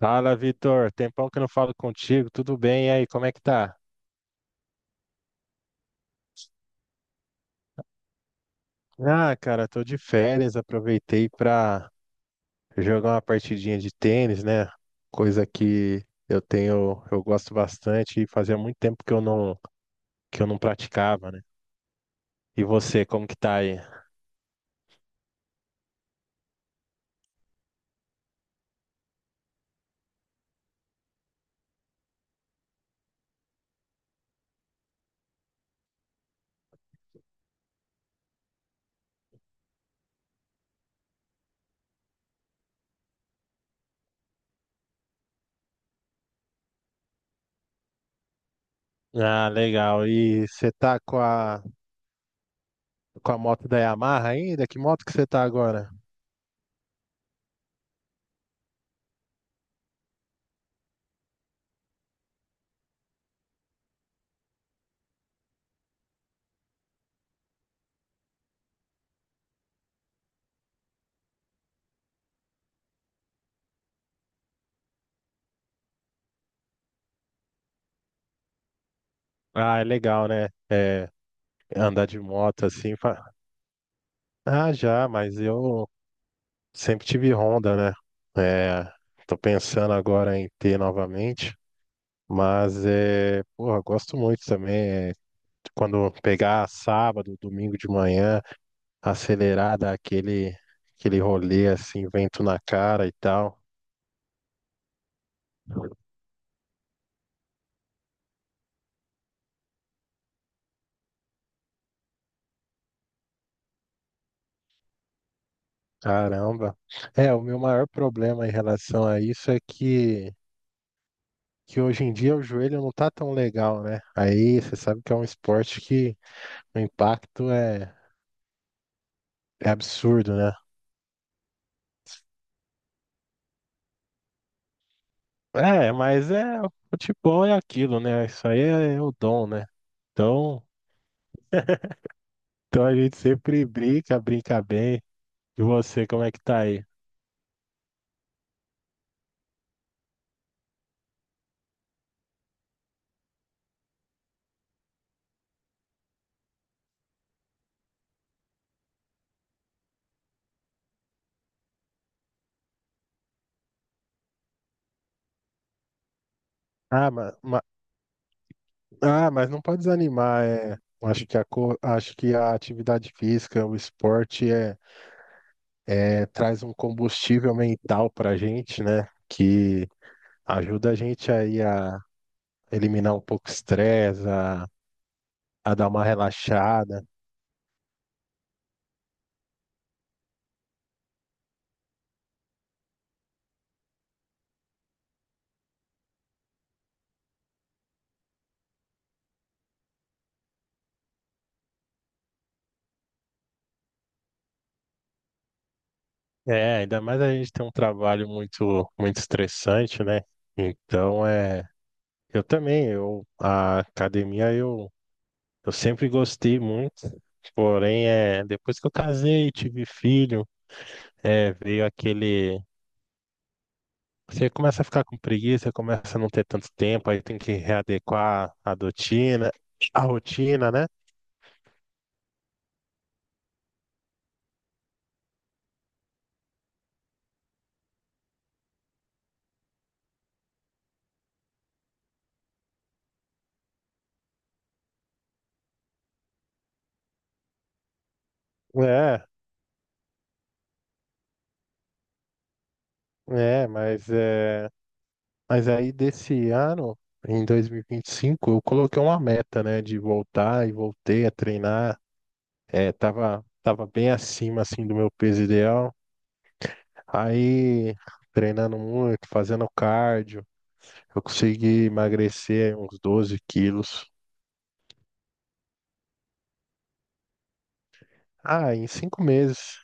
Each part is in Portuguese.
Fala, Vitor. Tempão que eu não falo contigo. Tudo bem? E aí, como é que tá? Ah, cara, tô de férias. Aproveitei pra jogar uma partidinha de tênis, né? Coisa que eu tenho, eu gosto bastante e fazia muito tempo que eu não, praticava, né? E você, como que tá aí? Ah, legal. E você tá com a moto da Yamaha ainda? Que moto que você tá agora? Ah, é legal, né? É, andar de moto assim. Ah, já, mas eu sempre tive Honda, né? É, tô pensando agora em ter novamente. Mas é, porra, gosto muito também. É, quando pegar sábado, domingo de manhã, acelerar, dar aquele, rolê assim, vento na cara e tal. Caramba. É, o meu maior problema em relação a isso é que hoje em dia o joelho não tá tão legal, né? Aí você sabe que é um esporte que o impacto é absurdo, né? É, mas é, o futebol é aquilo, né? Isso aí é o dom, né? Então, então a gente sempre brinca, brinca bem. E você, como é que tá aí? Ah, mas, ah, mas não pode desanimar, é. Acho que a atividade física, o esporte é, traz um combustível mental para a gente, né? Que ajuda a gente aí a eliminar um pouco o estresse, a dar uma relaxada. É, ainda mais a gente tem um trabalho muito, muito estressante, né? Então, é, eu também, eu, a academia eu sempre gostei muito, porém, é, depois que eu casei e tive filho, é, veio aquele. Você começa a ficar com preguiça, começa a não ter tanto tempo, aí tem que readequar a rotina, né? É, é, mas aí desse ano, em 2025, eu coloquei uma meta, né, de voltar e voltei a treinar. É, tava bem acima assim do meu peso ideal. Aí treinando muito, fazendo cardio, eu consegui emagrecer uns 12 quilos. Ah, em 5 meses.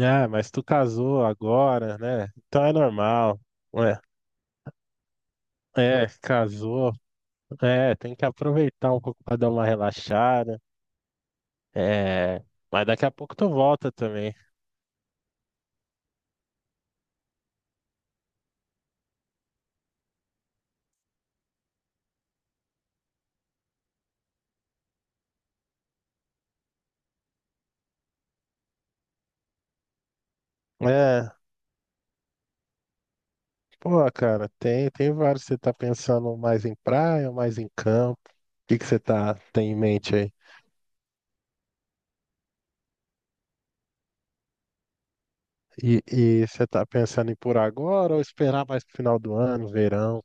Ah, mas tu casou agora, né? Então é normal. Ué, é, casou. É, tem que aproveitar um pouco pra dar uma relaxada. É, mas daqui a pouco tu volta também. É, pô, cara, tem vários. Você tá pensando mais em praia ou mais em campo? O que que você tem em mente aí? E você tá pensando em ir por agora ou esperar mais pro final do ano, verão?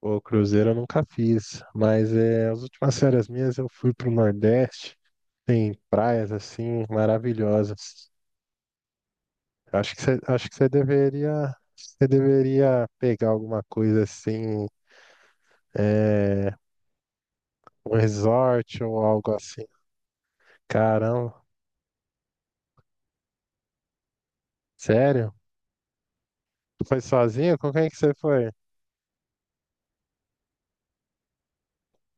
O cruzeiro eu nunca fiz, mas é, as últimas férias minhas eu fui pro Nordeste, tem praias assim maravilhosas. Acho que você deveria pegar alguma coisa assim, é, um resort ou algo assim. Caramba, sério? Tu foi sozinho? Com quem que você foi?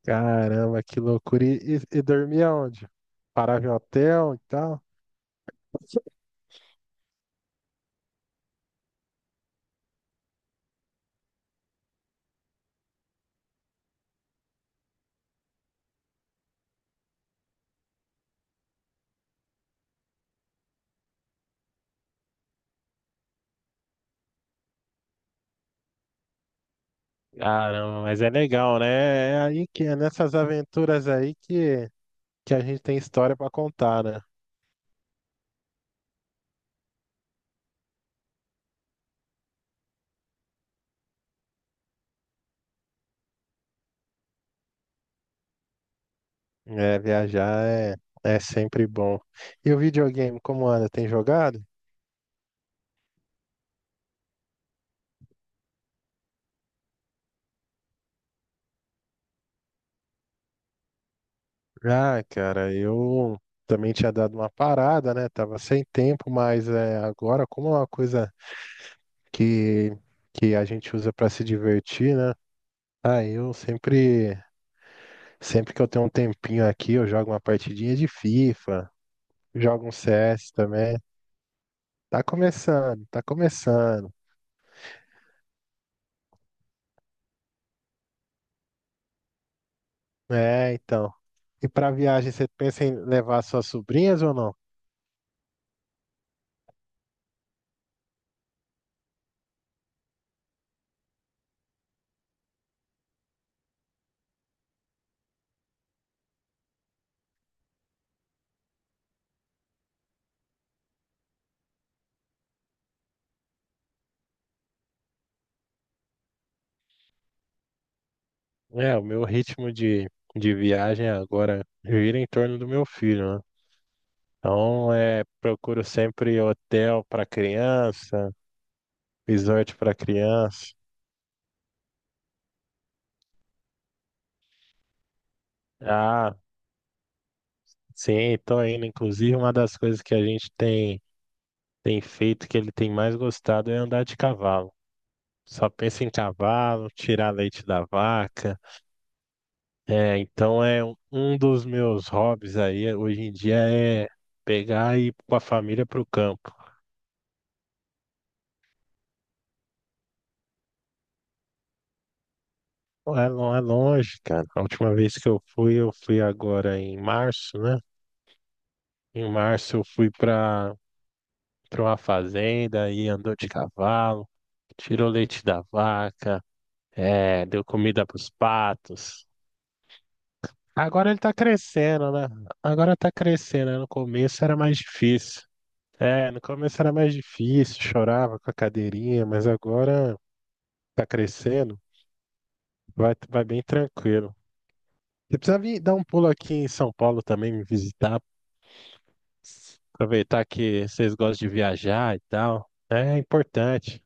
Caramba, que loucura! E dormia onde? Parava em hotel e tal? Caramba, mas é legal, né? É aí que é nessas aventuras aí que, a gente tem história pra contar, né? É, viajar é sempre bom. E o videogame, como anda? Tem jogado? Ah, cara, eu também tinha dado uma parada, né? Tava sem tempo, mas é, agora, como é uma coisa que, que a gente usa pra se divertir, né? Ah, eu sempre que eu tenho um tempinho aqui, eu jogo uma partidinha de FIFA, jogo um CS também. Tá começando, tá começando. É, então. E para viagem, você pensa em levar suas sobrinhas ou não? É, o meu ritmo de viagem agora gira em torno do meu filho, né? Então, é, procuro sempre hotel para criança, resort para criança. Ah, sim, tô indo. Inclusive, uma das coisas que a gente tem feito, que ele tem mais gostado, é andar de cavalo. Só pensa em cavalo, tirar leite da vaca. É, então é um dos meus hobbies aí hoje em dia é pegar e ir com a família pro campo. Não é, não é longe, cara. A última vez que eu fui, agora em março, né? Em março eu fui para uma fazenda aí andou de cavalo, tirou leite da vaca, é, deu comida pros patos. Agora ele tá crescendo, né? Agora tá crescendo, né? No começo era mais difícil. É, no começo era mais difícil, chorava com a cadeirinha, mas agora tá crescendo, vai bem tranquilo. Você precisa vir dar um pulo aqui em São Paulo também, me visitar, aproveitar que vocês gostam de viajar e tal. É importante.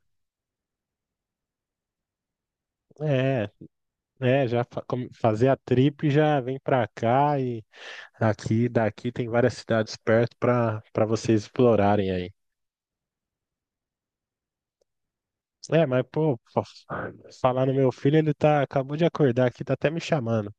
É, é, já fazer a trip já vem pra cá e aqui, daqui tem várias cidades perto pra vocês explorarem aí. É, mas pô, falar no meu filho, ele acabou de acordar aqui, tá até me chamando.